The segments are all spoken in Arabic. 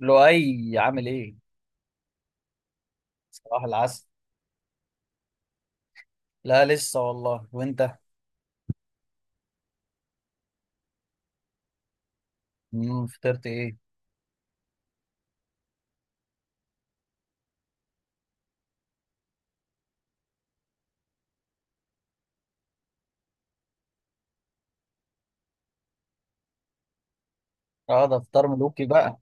لؤي عامل ايه؟ صباح العسل. لا لسه والله، وانت؟ فطرت ايه؟ اه، ده فطار ملوكي بقى.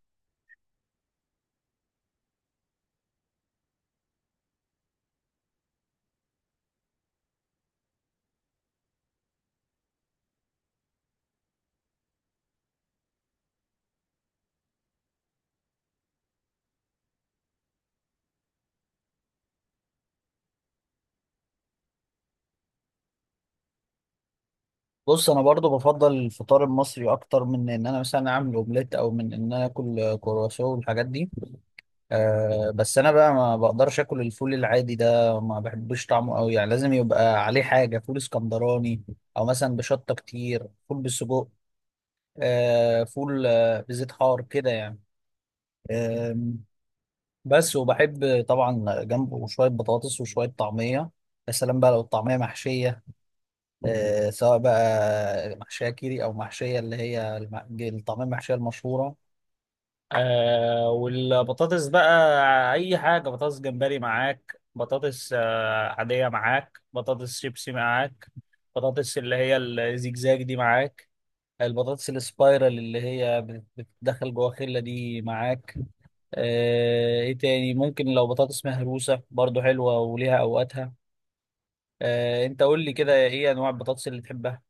بص، انا برضو بفضل الفطار المصري اكتر من ان انا مثلا اعمل اومليت او من ان انا اكل كرواسون والحاجات دي. آه بس انا بقى ما بقدرش اكل الفول العادي ده، ما بحبش طعمه قوي يعني، لازم يبقى عليه حاجه. فول اسكندراني او مثلا بشطه، كتير فول بالسجق. آه فول، بزيت حار كده يعني. بس وبحب طبعا جنبه شوية بطاطس وشوية طعمية. يا سلام بقى لو الطعمية محشية! آه سواء بقى محشية كيري أو محشية اللي هي الطعمية المحشية المشهورة. آه والبطاطس بقى، اي حاجه، بطاطس جمبري معاك، بطاطس آه عاديه معاك، بطاطس شيبسي معاك، بطاطس اللي هي الزجزاج دي معاك، البطاطس السبايرال اللي هي بتدخل جوه خله دي معاك. ايه تاني ممكن؟ لو بطاطس مهروسة برضو حلوة وليها اوقاتها. انت قول لي كده، ايه انواع البطاطس اللي تحبها؟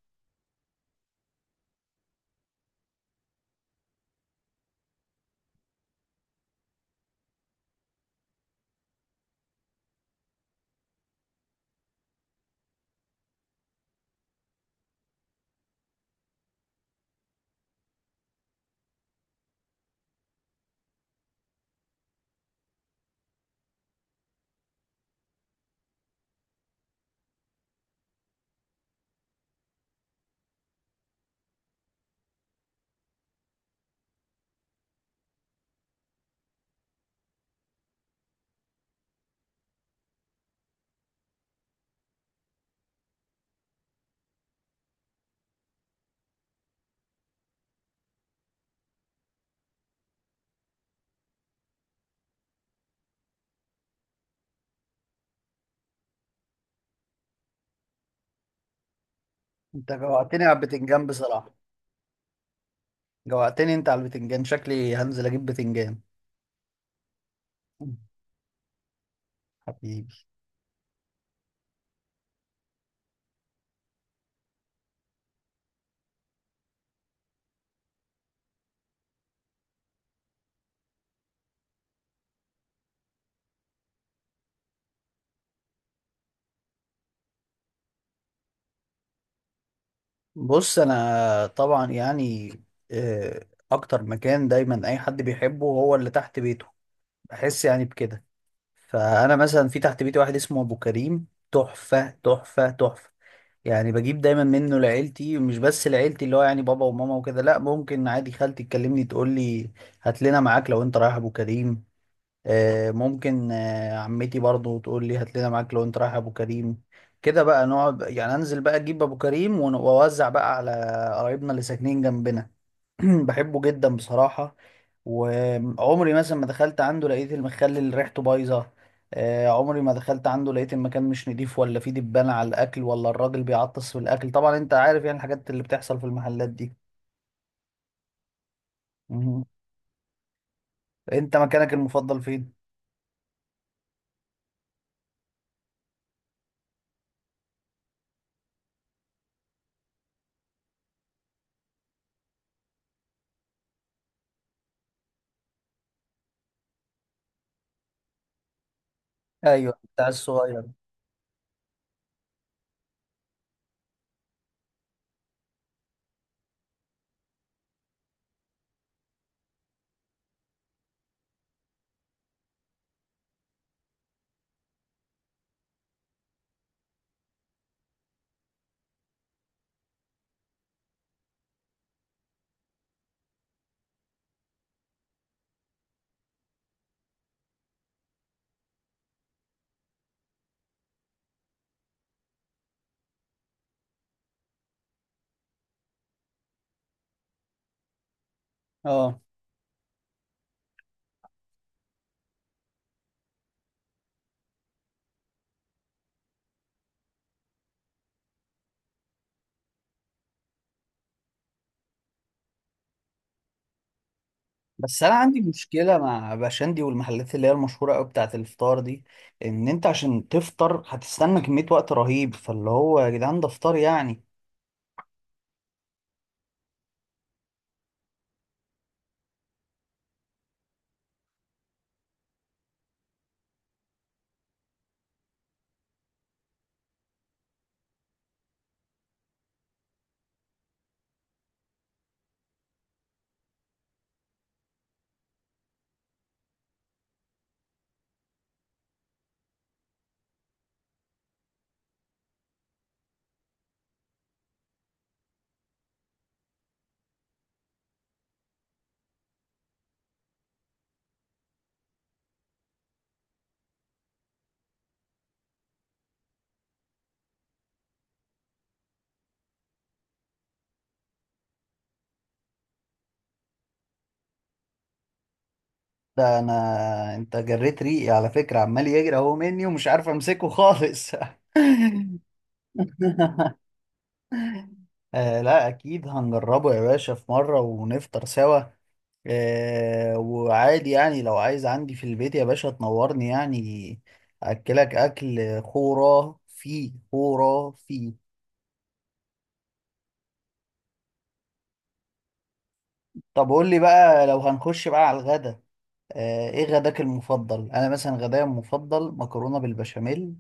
انت جوعتني على البتنجان بصراحة. جوعتني انت على البتنجان، شكلي هنزل اجيب بتنجان. حبيبي. بص انا طبعا يعني، آه، اكتر مكان دايما اي حد بيحبه هو اللي تحت بيته، بحس يعني بكده. فانا مثلا في تحت بيتي واحد اسمه ابو كريم، تحفة تحفة تحفة. يعني بجيب دايما منه لعيلتي، مش بس لعيلتي اللي هو يعني بابا وماما وكده، لا ممكن عادي خالتي تكلمني تقول لي هات لنا معاك لو انت رايح ابو كريم. ممكن عمتي برضو تقول لي هات لنا معاك لو انت رايح ابو كريم. كده بقى نقعد يعني، انزل بقى اجيب ابو كريم واوزع بقى على قرايبنا اللي ساكنين جنبنا. بحبه جدا بصراحة. وعمري مثلا ما دخلت عنده لقيت المخلل اللي ريحته بايظة. عمري ما دخلت عنده لقيت المكان مش نضيف، ولا فيه دبانة على الأكل، ولا الراجل بيعطس في الأكل. طبعا أنت عارف يعني الحاجات اللي بتحصل في المحلات دي. مهم. أنت مكانك المفضل فين؟ أيوه بتاع الصغير. أه، بس أنا عندي مشكلة مع باشندي والمحلات اللي هي المشهورة أوي بتاعة الفطار دي، إن أنت عشان تفطر هتستنى كمية وقت رهيب، فاللي هو يا جدعان ده فطار يعني. ده انا انت جريت ريقي على فكرة، عمال يجري اهو مني ومش عارف امسكه خالص. آه لا، اكيد هنجربه يا باشا في مرة ونفطر سوا. وعادي يعني لو عايز عندي في البيت يا باشا تنورني يعني، اكلك اكل خرافي خرافي. طب قول لي بقى لو هنخش بقى على الغدا، ايه غداك المفضل؟ انا مثلا غدايا المفضل مكرونة بالبشاميل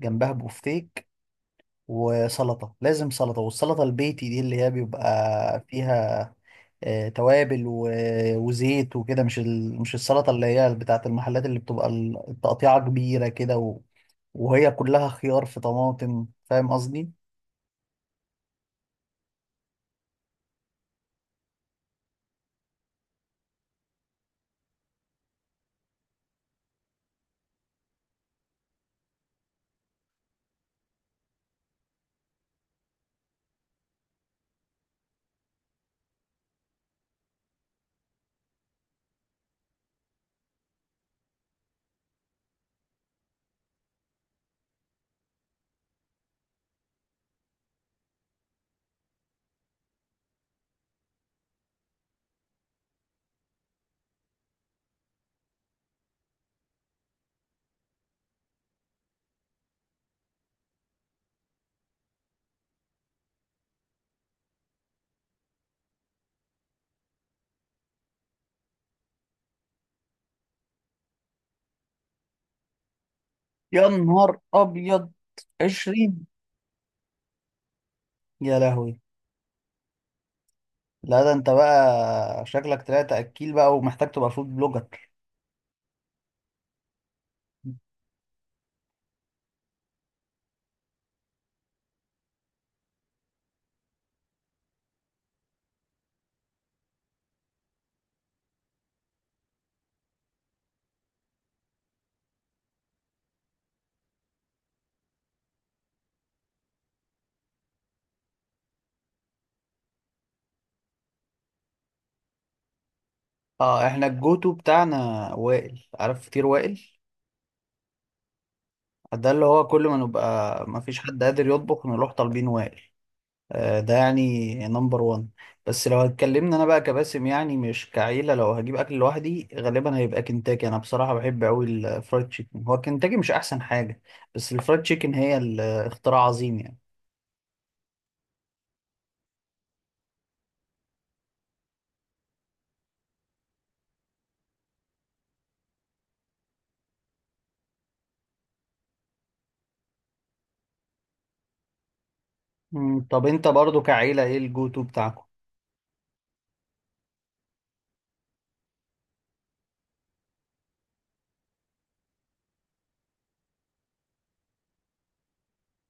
جنبها بوفتيك وسلطة، لازم سلطة، والسلطة البيتي دي اللي هي بيبقى فيها توابل وزيت وكده، مش مش السلطة اللي هي بتاعة المحلات اللي بتبقى التقطيعة كبيرة كده وهي كلها خيار في طماطم، فاهم قصدي؟ يا نهار أبيض! 20! يا لهوي. لا ده انت بقى شكلك طلعت أكيل بقى ومحتاج تبقى فود بلوجر. اه احنا الجوتو بتاعنا وائل، عارف فطير وائل؟ ده اللي هو كل ما نبقى ما فيش حد قادر يطبخ نروح طالبين وائل. ده يعني نمبر وان. بس لو اتكلمنا انا بقى كباسم يعني مش كعيلة، لو هجيب اكل لوحدي غالبا هيبقى كنتاكي. انا بصراحة بحب قوي الفرايد تشيكن، هو كنتاكي مش احسن حاجة؟ بس الفرايد تشيكن هي الاختراع عظيم يعني. طب انت برضو كعيلة ايه الجو تو بتاعكم؟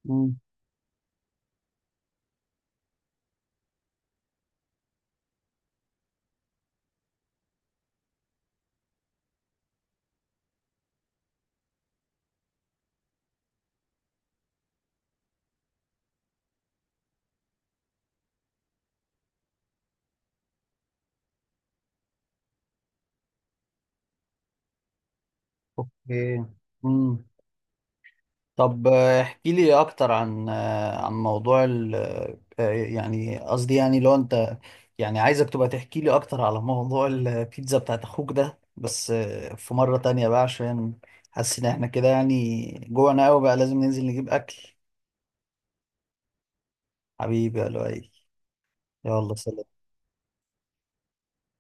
مم، اوكي. مم. طب احكي لي اكتر عن عن موضوع ال آه، يعني قصدي يعني لو انت، يعني عايزك تبقى تحكي لي اكتر على موضوع البيتزا بتاعت اخوك ده. بس في مرة تانية بقى، عشان حاسس ان احنا كده يعني جوعنا قوي بقى، لازم ننزل نجيب اكل. حبيبي يا لؤي، يلا سلام.